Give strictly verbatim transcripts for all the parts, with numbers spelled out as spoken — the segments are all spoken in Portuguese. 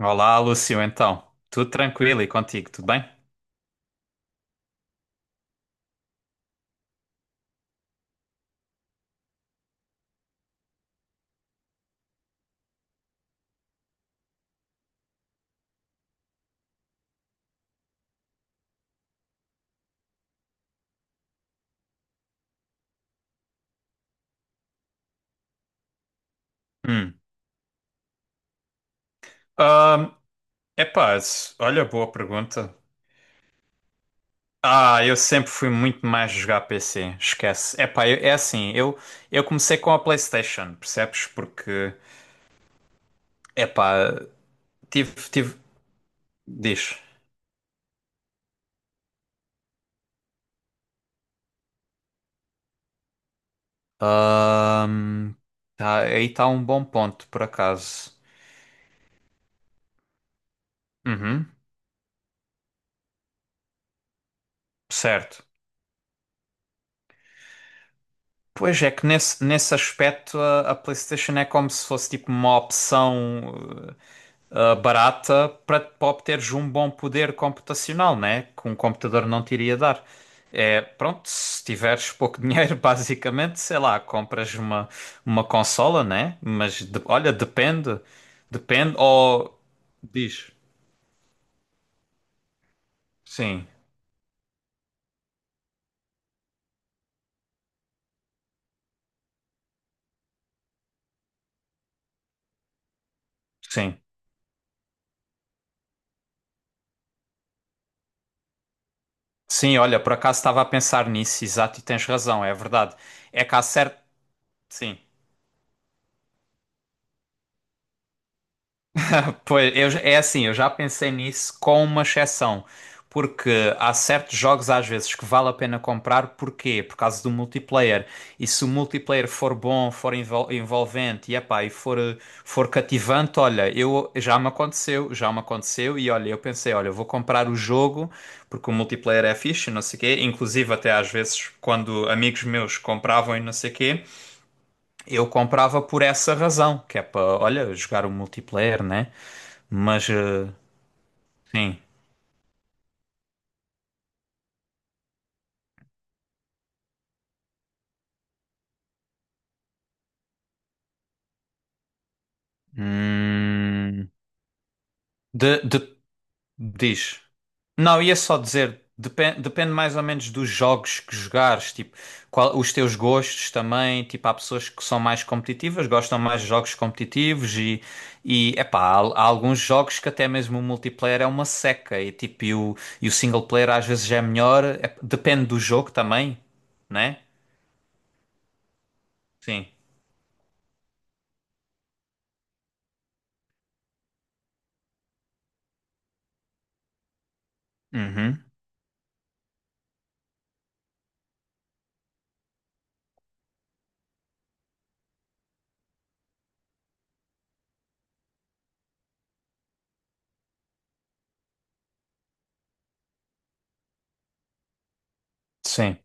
Olá, Lúcio, então. Tudo tranquilo e contigo, tudo bem? Hum. Ahm, epá, s- olha, boa pergunta. Ah, eu sempre fui muito mais jogar P C, esquece. Epá, eu, é assim, eu, eu comecei com a PlayStation, percebes? Porque, epá, tive, tive, diz. Ahm, tá, aí está um bom ponto, por acaso. Uhum, certo. Pois é que nesse, nesse aspecto a, a PlayStation é como se fosse tipo uma opção. eh, ah, Barata para, para obteres um bom poder computacional, né? Que um computador não te iria dar. É, pronto, se tiveres pouco dinheiro, basicamente, sei lá, compras uma, uma consola, né? Mas de- olha, depende. Depende. Ou diz. Sim, sim. Sim, olha, por acaso estava a pensar nisso, exato, e tens razão, é verdade. É que há certo. Sim. Pois, eu, é assim, eu já pensei nisso com uma exceção, porque há certos jogos às vezes que vale a pena comprar, porquê? Por causa do multiplayer. E se o multiplayer for bom, for envol- envolvente e, epá, e for, eh, for cativante, olha, eu já me aconteceu, já me aconteceu, e olha, eu pensei, olha, eu vou comprar o jogo porque o multiplayer é fixe, não sei quê, inclusive até às vezes quando amigos meus compravam e não sei quê. Eu comprava por essa razão, que é para, olha, jogar o multiplayer, né? Mas, eh, sim. Hum, de, de- diz. Não, ia só dizer, depende, depende mais ou menos dos jogos que jogares, tipo, qual, os teus gostos também, tipo, há pessoas que são mais competitivas, gostam mais de jogos competitivos e, e epá, há, há alguns jogos que até mesmo o multiplayer é uma seca e, tipo, e o, e o single player às vezes é melhor, é- depende do jogo também, né? Sim. Uhum. Sim,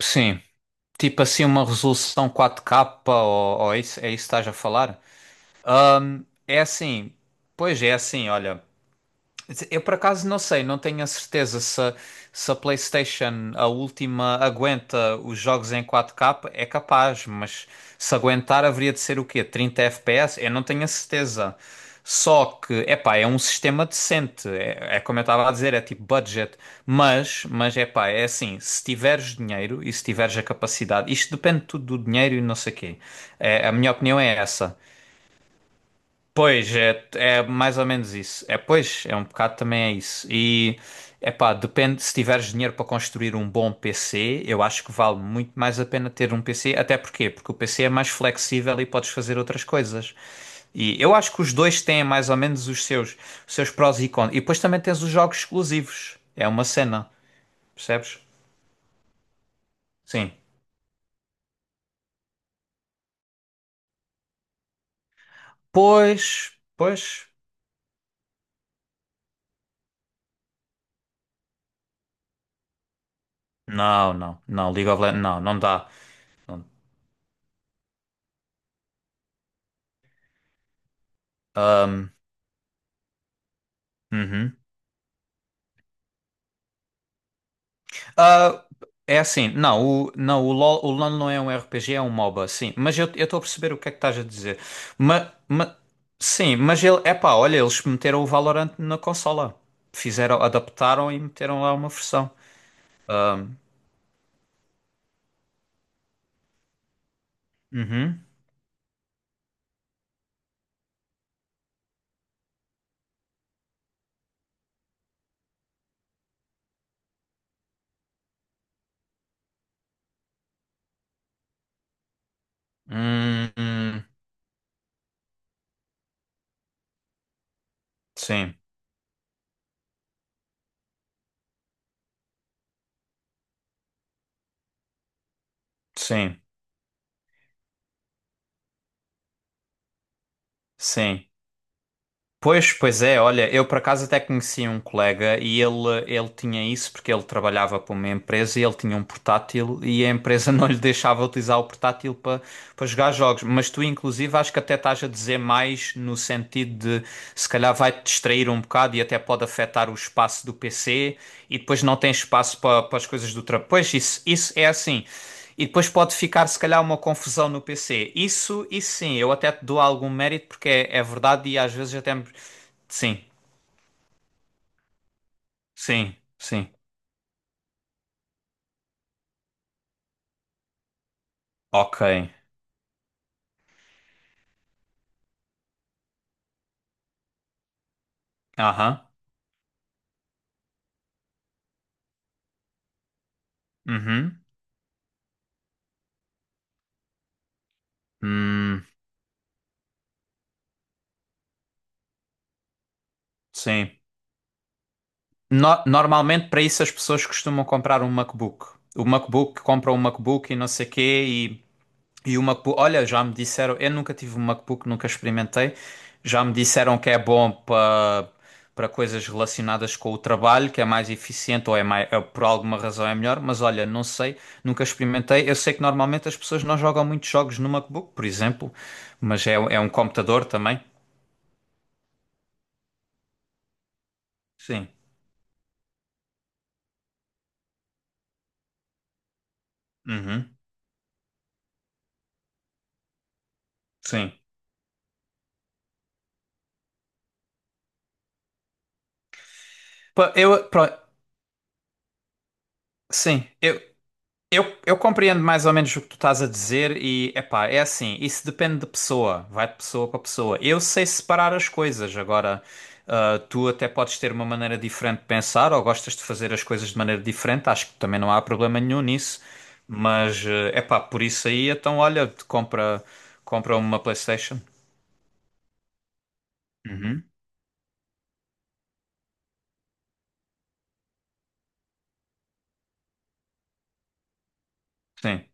sim. Tipo assim, uma resolução quatro K ou, ou é isso, é isso que estás a falar? É assim, pois é é assim, olha. Eu por acaso não sei, não tenho a certeza se, a- se a PlayStation, a última, aguenta os jogos em quatro K, é capaz, mas se aguentar haveria de ser o quê? trinta F P S? Eu não tenho a certeza. Só que, epá, é um sistema decente, é, é como eu estava a dizer, é tipo budget, mas, mas epá, é assim, se tiveres dinheiro e se tiveres a capacidade, isto depende tudo do dinheiro e não sei o quê. É, a minha opinião é essa. Pois, é, é mais ou menos isso. É, pois, é um bocado também é isso. E, é pá, depende, se tiveres dinheiro para construir um bom P C, eu acho que vale muito mais a pena ter um P C. Até porquê? Porque o P C é mais flexível e podes fazer outras coisas. E eu acho que os dois têm mais ou menos os seus, os seus prós e contras. E depois também tens os jogos exclusivos. É uma cena, percebes? Sim. Pois, pois. Não, não, não. League of Legends, não, não dá. Não. Ahm, uhum. Ah, é assim, não, o, não, o lol, o lol não é um R P G, é um MOBA, sim. Mas eu eu estou a perceber o que é que estás a dizer. Mas, sim, mas ele, epá, olha, eles meteram o Valorant na consola. Fizeram, adaptaram e meteram lá uma versão. Ah, uhum. Hum, hum, sim, sim, sim. Pois, pois é, olha, eu por acaso até conheci um colega e ele, ele tinha isso porque ele trabalhava para uma empresa e ele tinha um portátil e a empresa não lhe deixava utilizar o portátil para, para jogar jogos. Mas tu, inclusive, acho que até estás a dizer mais no sentido de se calhar vai-te distrair um bocado e até pode afetar o espaço do P C e depois não tem espaço para, para as coisas do trabalho. Pois, isso, isso é assim. E depois pode ficar, se calhar, uma confusão no P C. Isso, isso sim, eu até te dou algum mérito porque é, é verdade e às vezes até me Sim, sim, sim. Ok. Aham. Uhum. Hum, sim. No- normalmente para isso as pessoas costumam comprar um MacBook. O MacBook compra um MacBook e não sei quê. E o MacBook, olha, já me disseram, eu nunca tive um MacBook, nunca experimentei. Já me disseram que é bom para para coisas relacionadas com o trabalho, que é mais eficiente ou é mais, é- por alguma razão é melhor, mas olha, não sei, nunca experimentei. Eu sei que normalmente as pessoas não jogam muitos jogos no MacBook, por exemplo, mas é, é um computador também. Sim. Uhum. Sim. Pa- Eu, pro- sim, eu, Eu, eu compreendo mais ou menos o que tu estás a dizer e, epá, é assim, isso depende de pessoa, vai de pessoa para pessoa. Eu sei separar as coisas, agora, ah, tu até podes ter uma maneira diferente de pensar ou gostas de fazer as coisas de maneira diferente, acho que também não há problema nenhum nisso, mas, é epá, por isso aí, então olha, te compra, compra uma PlayStation. Uhum. Sim.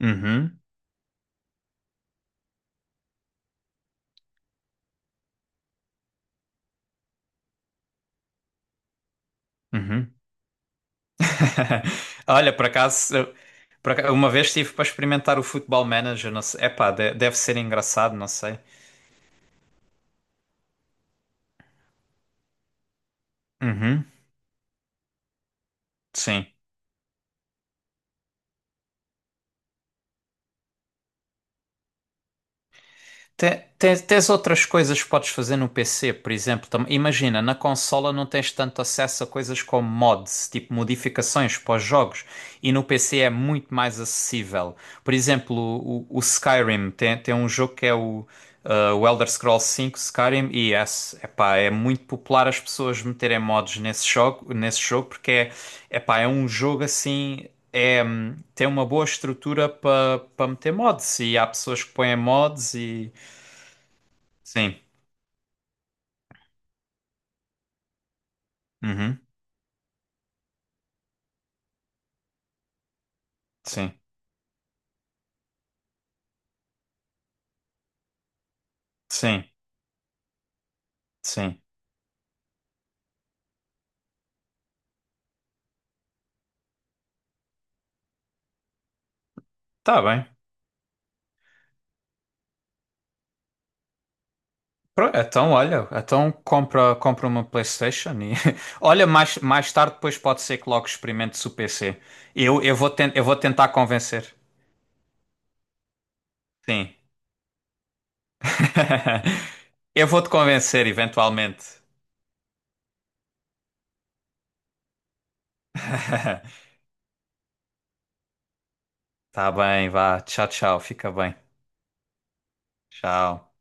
Uhum. Uhum. Olha, por acaso, eu- por aca- uma vez estive para experimentar o Football Manager, não sei. Epá, de- deve ser engraçado, não sei. Uhum, sim. Te- Tens, tens outras coisas que podes fazer no P C, por exemplo. tam- Imagina, na consola não tens tanto acesso a coisas como mods, tipo modificações para os jogos, e no P C é muito mais acessível. Por exemplo, o, o- o Skyrim tem, tem um jogo que é o, ah, o Elder Scrolls V Skyrim, e é, epá, é muito popular as pessoas meterem mods nesse jogo, nesse jogo porque é, epá, é um jogo assim. É, hum, tem uma boa estrutura para para meter mods e há pessoas que põem mods e sim. Uhum. Sim. Sim. Sim. Tá bem. Pro- Então, olha, então compra, compra uma PlayStation e olha, mais, mais tarde depois pode ser que logo experimente o P C. Eu, eu vou ten- eu vou tentar convencer. Sim. Eu vou te convencer eventualmente. Tá bem, vá. Tchau, tchau. Fica bem. Tchau.